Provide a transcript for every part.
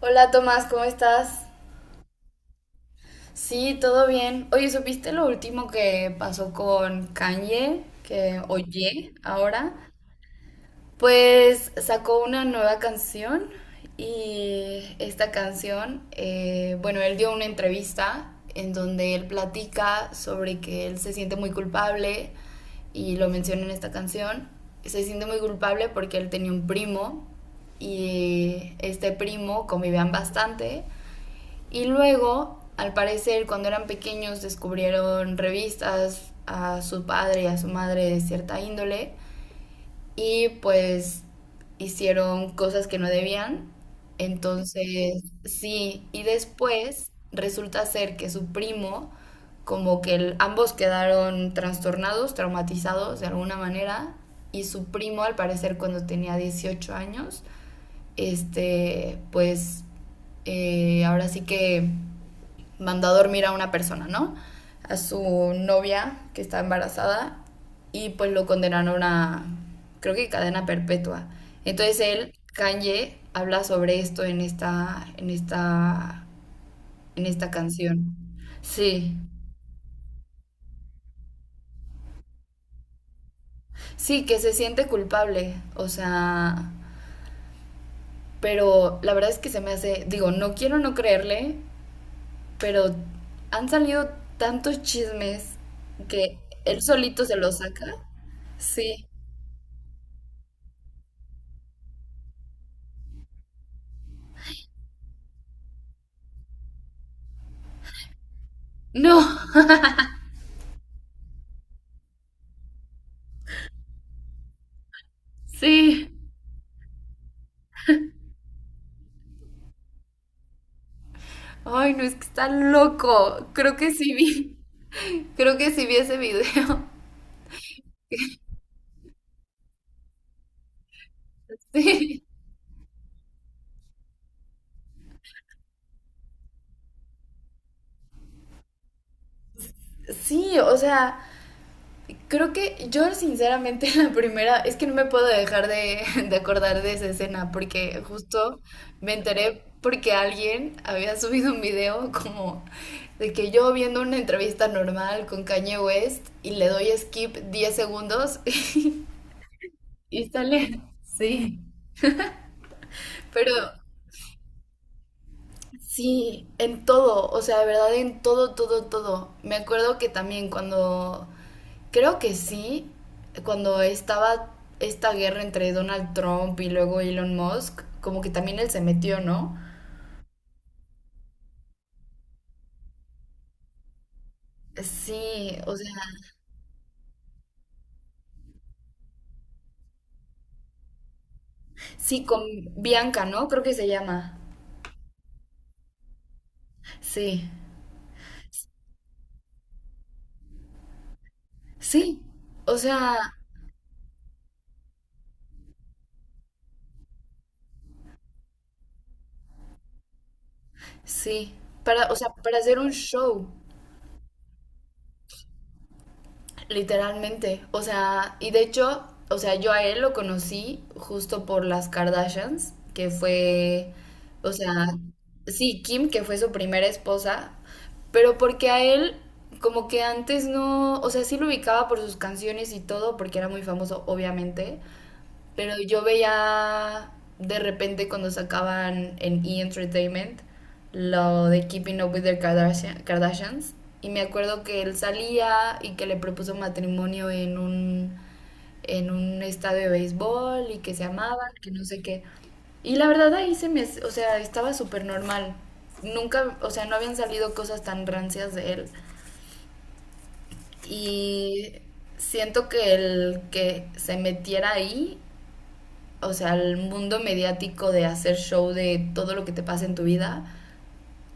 Hola Tomás, ¿cómo estás? Sí, todo bien. Oye, ¿supiste lo último que pasó con Kanye? Que oye ahora. Pues sacó una nueva canción y esta canción, bueno, él dio una entrevista en donde él platica sobre que él se siente muy culpable y lo menciona en esta canción. Se siente muy culpable porque él tenía un primo y este primo convivían bastante. Y luego, al parecer, cuando eran pequeños descubrieron revistas a su padre y a su madre de cierta índole y pues hicieron cosas que no debían. Entonces, sí, y después resulta ser que su primo, como que ambos quedaron trastornados, traumatizados de alguna manera, y su primo, al parecer, cuando tenía 18 años, pues ahora sí que mandó a dormir a una persona, ¿no? A su novia que está embarazada y pues lo condenaron a, creo que cadena perpetua. Entonces él, Kanye, habla sobre esto en esta canción. Sí, sí, que se siente culpable, o sea, pero la verdad es que se me hace, digo, no quiero no creerle, pero han salido tantos chismes que él solito se los saca. Sí, no. Sí. Ay, no, es que está loco. Creo que sí vi. Creo que sí vi ese video. Sí. Sí, o sea, creo que yo sinceramente la primera, es que no me puedo dejar de, de acordar de esa escena porque justo me enteré porque alguien había subido un video como de que yo viendo una entrevista normal con Kanye West y le doy skip 10 segundos y sale. Sí, pero sí, en todo, o sea, de verdad, en todo, todo, todo. Me acuerdo que también cuando, creo que sí, cuando estaba esta guerra entre Donald Trump y luego Elon Musk, como que también él se metió, ¿no? Sí, o sea, sí, con Bianca, ¿no? Creo que se llama. Sí, sí, o sea, sí, para, o sea, para hacer un show. Literalmente, o sea, y de hecho, o sea, yo a él lo conocí justo por las Kardashians, que fue, o sea, sí, Kim, que fue su primera esposa, pero porque a él como que antes no, o sea, sí lo ubicaba por sus canciones y todo, porque era muy famoso, obviamente, pero yo veía de repente cuando sacaban en E! Entertainment lo de Keeping Up with the Kardashian- Kardashians. Y me acuerdo que él salía y que le propuso matrimonio en un estadio de béisbol y que se amaban, que no sé qué. Y la verdad ahí se me, o sea, estaba súper normal. Nunca, o sea, no habían salido cosas tan rancias de él. Y siento que el que se metiera ahí, o sea, el mundo mediático de hacer show de todo lo que te pasa en tu vida,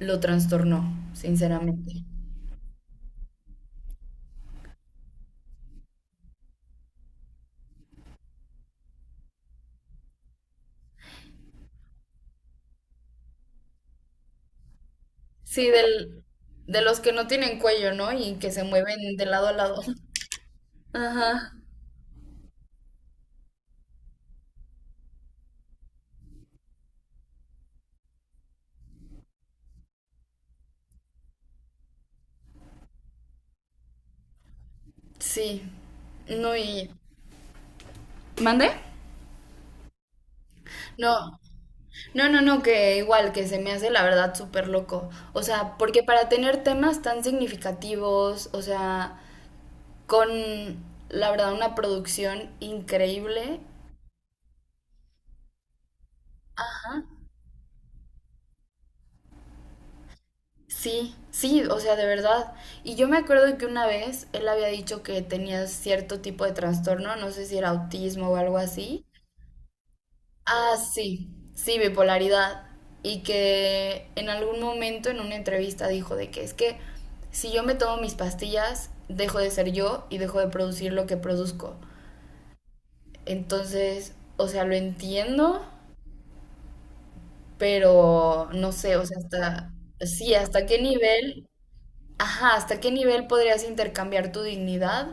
lo trastornó, sinceramente. Sí, del, de los que no tienen cuello, ¿no? Y que se mueven de lado a lado. Ajá, sí. No, y... ¿Mande? No, no, no, que igual, que se me hace la verdad súper loco. O sea, porque para tener temas tan significativos, o sea, con la verdad una producción increíble. Sí, sí, o sea, de verdad. Y yo me acuerdo que una vez él había dicho que tenía cierto tipo de trastorno, no sé si era autismo o algo así. Ah, sí, sí, bipolaridad. Y que en algún momento en una entrevista dijo de que es que si yo me tomo mis pastillas, dejo de ser yo y dejo de producir lo que produzco. Entonces, o sea, lo entiendo, pero no sé, o sea, hasta, sí, hasta qué nivel. Ajá, ¿hasta qué nivel podrías intercambiar tu dignidad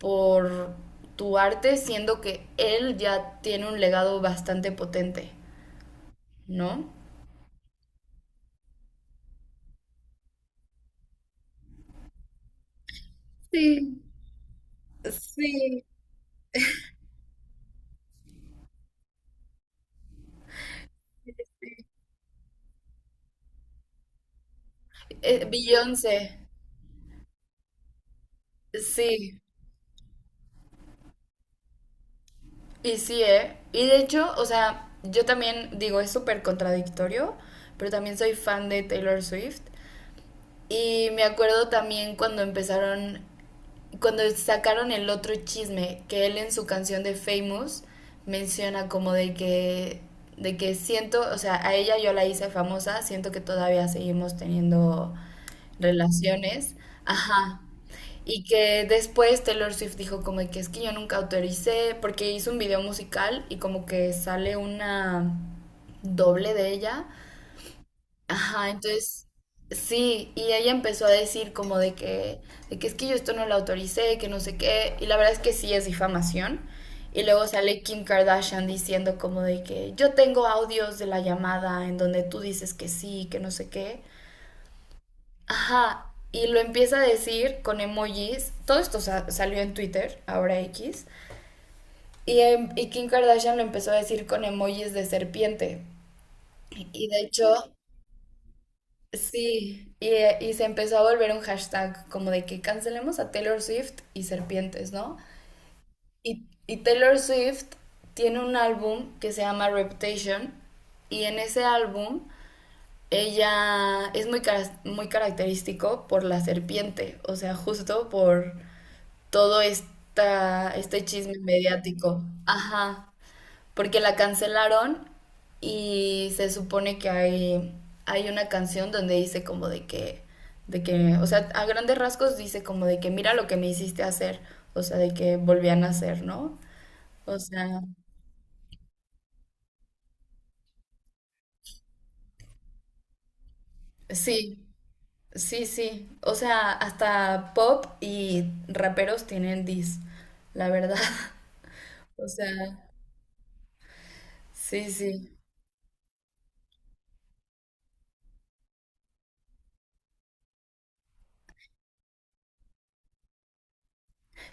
por tu arte, siendo que él ya tiene un legado bastante potente, ¿no? Sí, sí. Beyoncé, sí, y sí, ¿eh? Y de hecho, o sea, yo también digo, es súper contradictorio, pero también soy fan de Taylor Swift. Y me acuerdo también cuando empezaron, cuando sacaron el otro chisme, que él en su canción de Famous menciona como de que siento, o sea, a ella yo la hice famosa, siento que todavía seguimos teniendo relaciones, ajá. Y que después Taylor Swift dijo como de que es que yo nunca autoricé, porque hizo un video musical y como que sale una doble de ella. Ajá, entonces, sí, y ella empezó a decir como de que es que yo esto no lo autoricé, que no sé qué, y la verdad es que sí es difamación. Y luego sale Kim Kardashian diciendo como de que yo tengo audios de la llamada en donde tú dices que sí, que no sé qué. Ajá, y lo empieza a decir con emojis. Todo esto salió en Twitter, ahora X. Y, y Kim Kardashian lo empezó a decir con emojis de serpiente. Y de hecho, sí, y se empezó a volver un hashtag como de que cancelemos a Taylor Swift y serpientes, ¿no? Y Taylor Swift tiene un álbum que se llama Reputation y en ese álbum ella es muy, muy característico por la serpiente, o sea, justo por todo esta, este chisme mediático. Ajá, porque la cancelaron y se supone que hay una canción donde dice como de que, o sea, a grandes rasgos dice como de que mira lo que me hiciste hacer, o sea, de que volvían a hacer, ¿no? O sea, sí, sí, sí, o sea, hasta pop y raperos tienen dis, la verdad, o sea, sí, sí,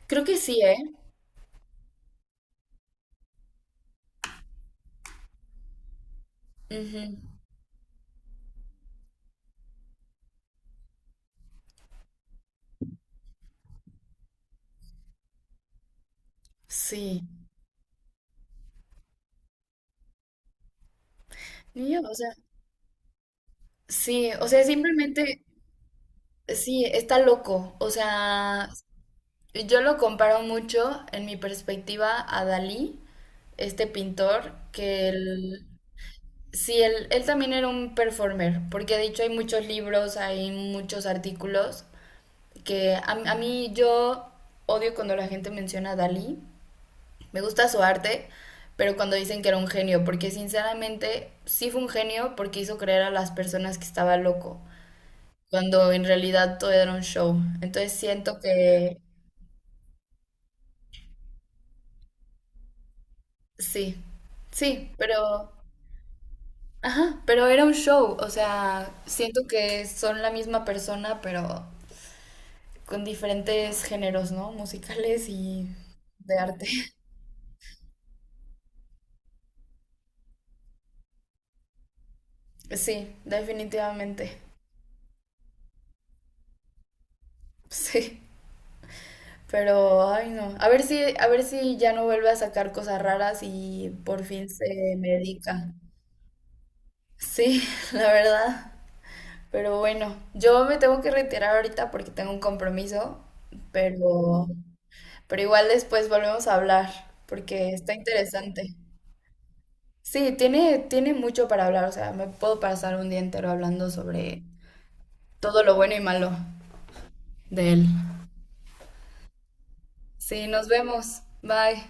creo que sí, ¿eh? Ujú, sí, niño, o sea, sí, o sea, simplemente... Sí, está loco. O sea, yo lo comparo mucho en mi perspectiva a Dalí, este pintor, que él, sí, él también era un performer, porque de hecho hay muchos libros, hay muchos artículos, que a mí yo odio cuando la gente menciona a Dalí. Me gusta su arte, pero cuando dicen que era un genio, porque sinceramente sí fue un genio porque hizo creer a las personas que estaba loco cuando en realidad todo era un show. Entonces siento que sí, sí, pero, ajá, pero era un show, o sea, siento que son la misma persona, pero con diferentes géneros, ¿no? Musicales y de arte. Sí, definitivamente, sí, pero, ay no, a ver si ya no vuelve a sacar cosas raras y por fin se me dedica. Sí, la verdad. Pero bueno, yo me tengo que retirar ahorita porque tengo un compromiso, pero Pero igual después volvemos a hablar, porque está interesante. Sí, tiene, tiene mucho para hablar, o sea, me puedo pasar un día entero hablando sobre todo lo bueno y malo de él. Sí, nos vemos. Bye.